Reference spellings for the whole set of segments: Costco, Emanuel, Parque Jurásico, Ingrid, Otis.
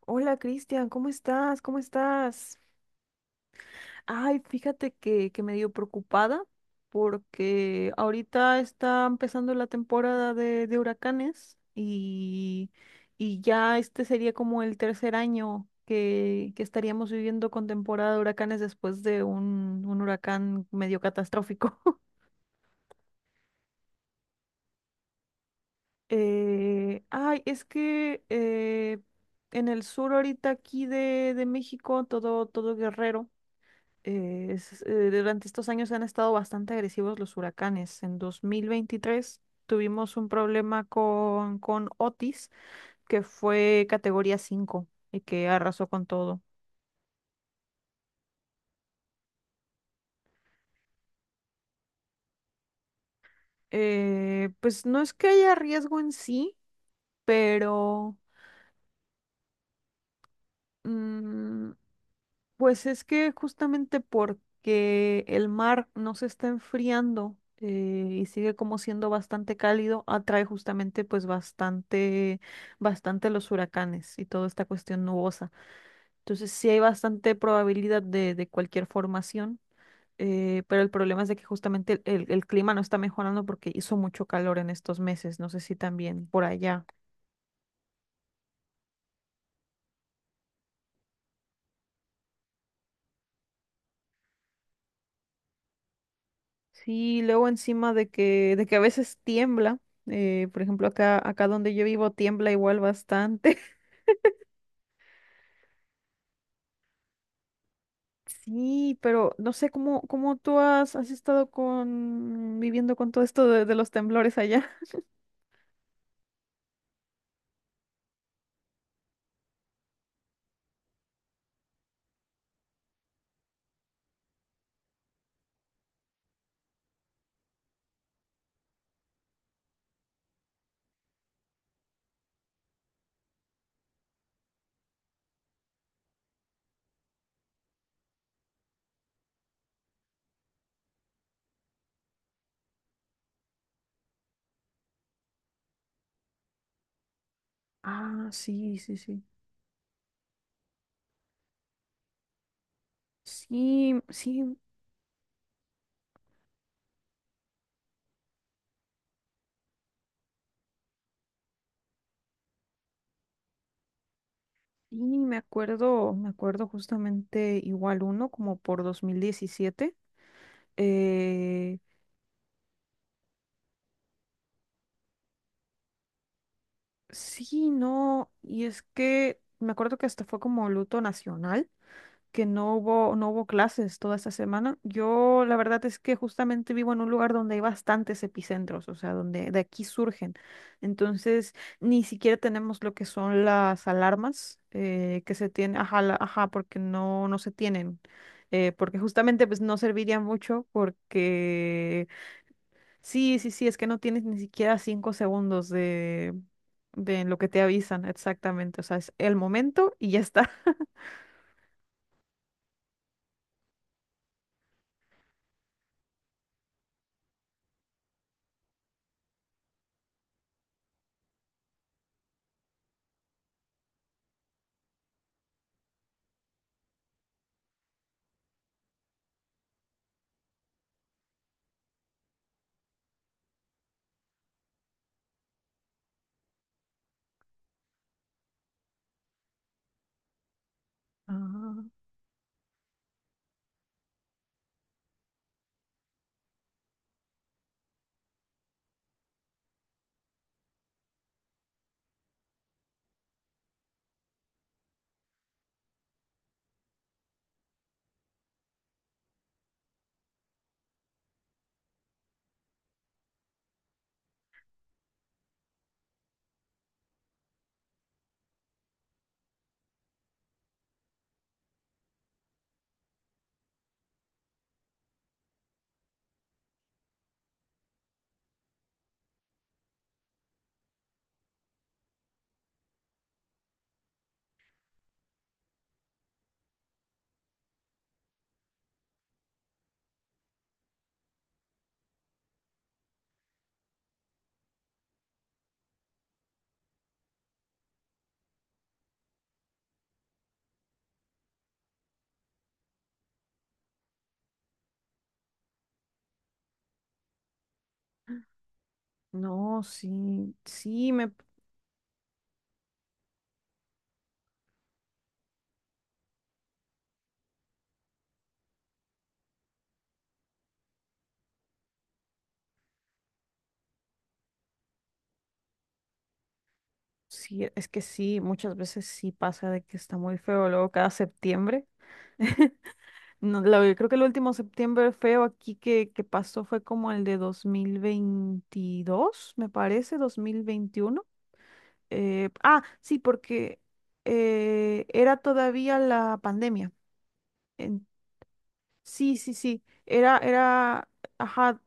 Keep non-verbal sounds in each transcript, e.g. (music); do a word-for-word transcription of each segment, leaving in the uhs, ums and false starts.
Hola Cristian, ¿cómo estás? ¿Cómo estás? Ay, fíjate que, que medio preocupada porque ahorita está empezando la temporada de, de huracanes y, y ya este sería como el tercer año que, que estaríamos viviendo con temporada de huracanes después de un, un huracán medio catastrófico. (laughs) Eh, ay, es que eh, en el sur ahorita aquí de, de México, todo, todo Guerrero. Eh, es- eh, durante estos años han estado bastante agresivos los huracanes. En dos mil veintitrés tuvimos un problema con, con Otis, que fue categoría cinco y que arrasó con todo. Eh, pues no es que haya riesgo en sí, pero... mm, pues es que justamente porque el mar no se está enfriando, eh, y sigue como siendo bastante cálido, atrae justamente pues bastante, bastante los huracanes y toda esta cuestión nubosa. Entonces sí hay bastante probabilidad de, de cualquier formación, eh, pero el problema es de que justamente el, el clima no está mejorando porque hizo mucho calor en estos meses. No sé si también por allá. Sí, luego encima de que, de que a veces tiembla, eh, por ejemplo, acá, acá donde yo vivo tiembla igual bastante. (laughs) Sí, pero no sé cómo, cómo tú has, has estado con, viviendo con todo esto de, de los temblores allá. Ah, sí, sí, sí. Sí, sí, sí, me acuerdo, me acuerdo justamente igual uno, como por dos mil diecisiete. Eh, sí, no, y es que me acuerdo que hasta fue como luto nacional. Que no hubo, no hubo clases toda esta semana. Yo la verdad es que justamente vivo en un lugar donde hay bastantes epicentros, o sea, donde de aquí surgen. Entonces, ni siquiera tenemos lo que son las alarmas, eh, que se tienen, ajá, la- ajá, porque no, no se tienen. Eh, porque justamente pues no serviría mucho porque sí, sí, sí, es que no tienes ni siquiera cinco segundos de, de lo que te avisan exactamente. O sea, es el momento y ya está. (laughs) Ah. No, sí, sí, me, sí, es que sí, muchas veces sí pasa de que está muy feo. Luego cada septiembre, no, la- yo creo que el último septiembre feo aquí que, que pasó fue como el de dos mil veintidós me parece, dos mil veintiuno. Eh, ah, sí, porque eh, era todavía la pandemia. En- sí, sí, sí, era, era, ajá.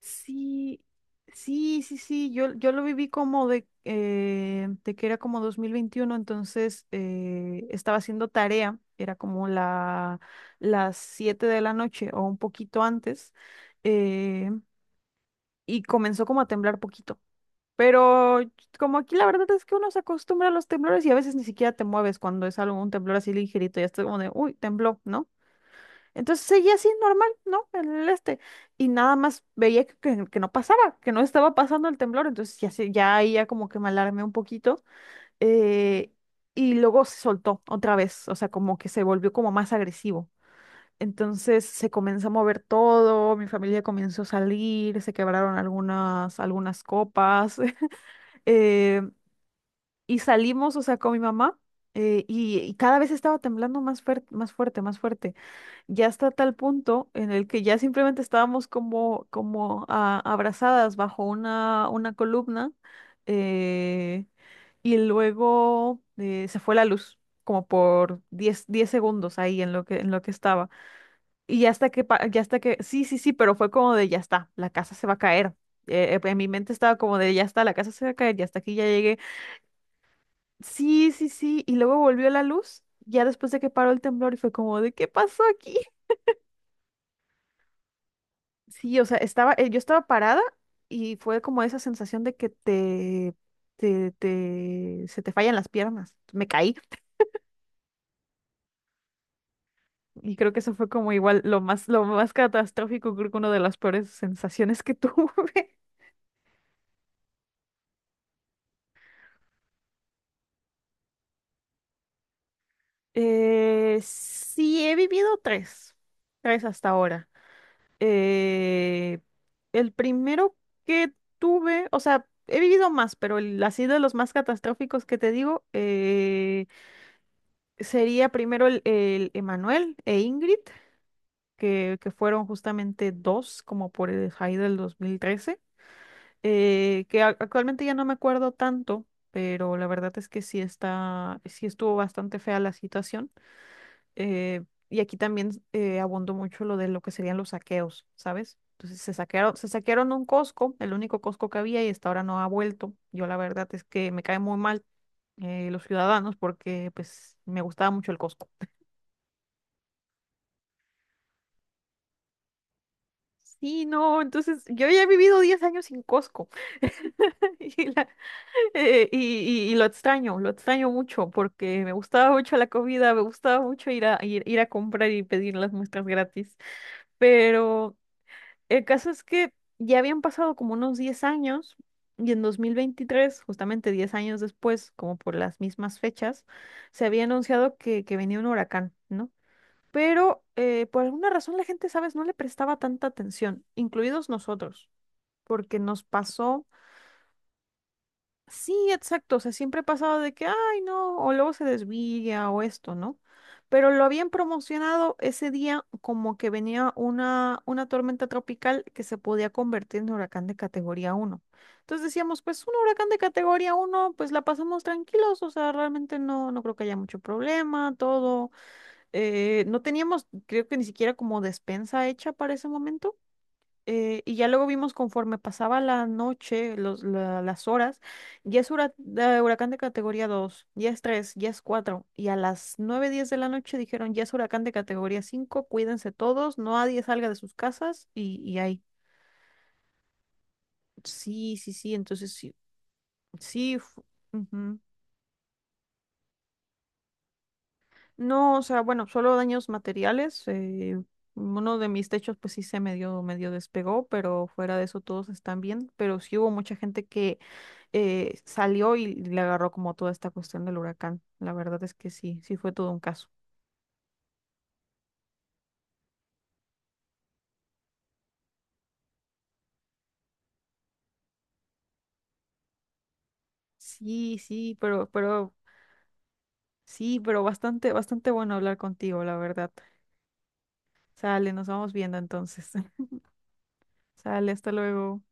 Sí, sí, sí, sí, yo, yo lo viví como de, eh, de que era como dos mil veintiuno. entonces eh, estaba haciendo tarea, era como la, las siete de la noche o un poquito antes, eh, y comenzó como a temblar poquito. Pero como aquí la verdad es que uno se acostumbra a los temblores y a veces ni siquiera te mueves cuando es algo, un temblor así ligerito, ya estás como de, uy, tembló, ¿no? Entonces seguía así normal, ¿no? En el este. Y nada más veía que, que- que no pasaba, que no estaba pasando el temblor. Entonces ya, se- ya ahí ya como que me alarmé un poquito. eh, y luego se soltó otra vez, o sea, como que se volvió como más agresivo. Entonces se comenzó a mover todo, mi familia comenzó a salir, se quebraron algunas, algunas copas. (laughs) eh, y salimos, o sea, con mi mamá. Eh, y, y cada vez estaba temblando más fuerte, más fuerte, más fuerte, ya hasta tal punto en el que ya simplemente estábamos como, como ah, abrazadas bajo una, una columna. Eh, y luego eh, se fue la luz, como por diez diez segundos ahí en lo que, en lo que estaba. Y ya hasta que, pa- ya hasta que, sí, sí, sí, pero fue como de ya está, la casa se va a caer. Eh, eh, en mi mente estaba como de ya está, la casa se va a caer, ya hasta aquí ya llegué. Sí, sí, sí, y luego volvió la luz, ya después de que paró el temblor y fue como de, ¿qué pasó aquí? Sí, o sea, estaba, eh, yo estaba parada y fue como esa sensación de que te, te, te, se te fallan las piernas. Me caí y creo que eso fue como igual lo más, lo más catastrófico, creo que una de las peores sensaciones que tuve. (laughs) Eh, sí, he vivido tres, tres hasta ahora. Eh, el primero que tuve, o sea, he vivido más, pero el, así de los más catastróficos que te digo, eh, sería primero el, el Emanuel e Ingrid, que, que fueron justamente dos, como por el high del dos mil trece, eh, que ac- actualmente ya no me acuerdo tanto, pero la verdad es que sí está, sí estuvo bastante fea la situación. eh, y aquí también eh, abundó mucho lo de lo que serían los saqueos, ¿sabes? Entonces se saquearon, se saquearon un Costco, el único Costco que había y hasta ahora no ha vuelto. Yo la verdad es que me cae muy mal, eh, los ciudadanos, porque pues me gustaba mucho el Costco. Sí, no, entonces yo ya he vivido diez años sin Costco (laughs) y, la- eh, y, y- y lo extraño, lo extraño mucho porque me gustaba mucho la comida, me gustaba mucho ir a, ir, ir a comprar y pedir las muestras gratis. Pero el caso es que ya habían pasado como unos diez años y en dos mil veintitrés, justamente diez años después, como por las mismas fechas, se había anunciado que, que venía un huracán, ¿no? Pero eh, por alguna razón la gente, ¿sabes?, no le prestaba tanta atención, incluidos nosotros, porque nos pasó, sí, exacto, o sea, siempre pasaba de que, ay, no, o luego se desvía o esto, ¿no? Pero lo habían promocionado ese día como que venía una, una tormenta tropical que se podía convertir en huracán de categoría uno. Entonces decíamos, pues un huracán de categoría uno pues la pasamos tranquilos, o sea, realmente no, no creo que haya mucho problema, todo. Eh, no teníamos, creo que ni siquiera como despensa hecha para ese momento. Eh, y ya luego vimos conforme pasaba la noche, los, la- las horas, ya es hura- eh, huracán de categoría dos, ya es tres, ya es cuatro. Y a las nueve diez de la noche dijeron, ya es huracán de categoría cinco, cuídense todos, no, nadie salga de sus casas y, y ahí. Sí, sí, sí, entonces sí, sí. Fu- ujú. No, o sea, bueno, solo daños materiales. Eh, uno de mis techos, pues sí se medio, medio despegó, pero fuera de eso todos están bien. Pero sí hubo mucha gente que eh, salió y le agarró como toda esta cuestión del huracán. La verdad es que sí, sí fue todo un caso. Sí, sí, pero, pero, sí, pero bastante, bastante bueno hablar contigo, la verdad. Sale, nos vamos viendo entonces. (laughs) Sale, hasta luego.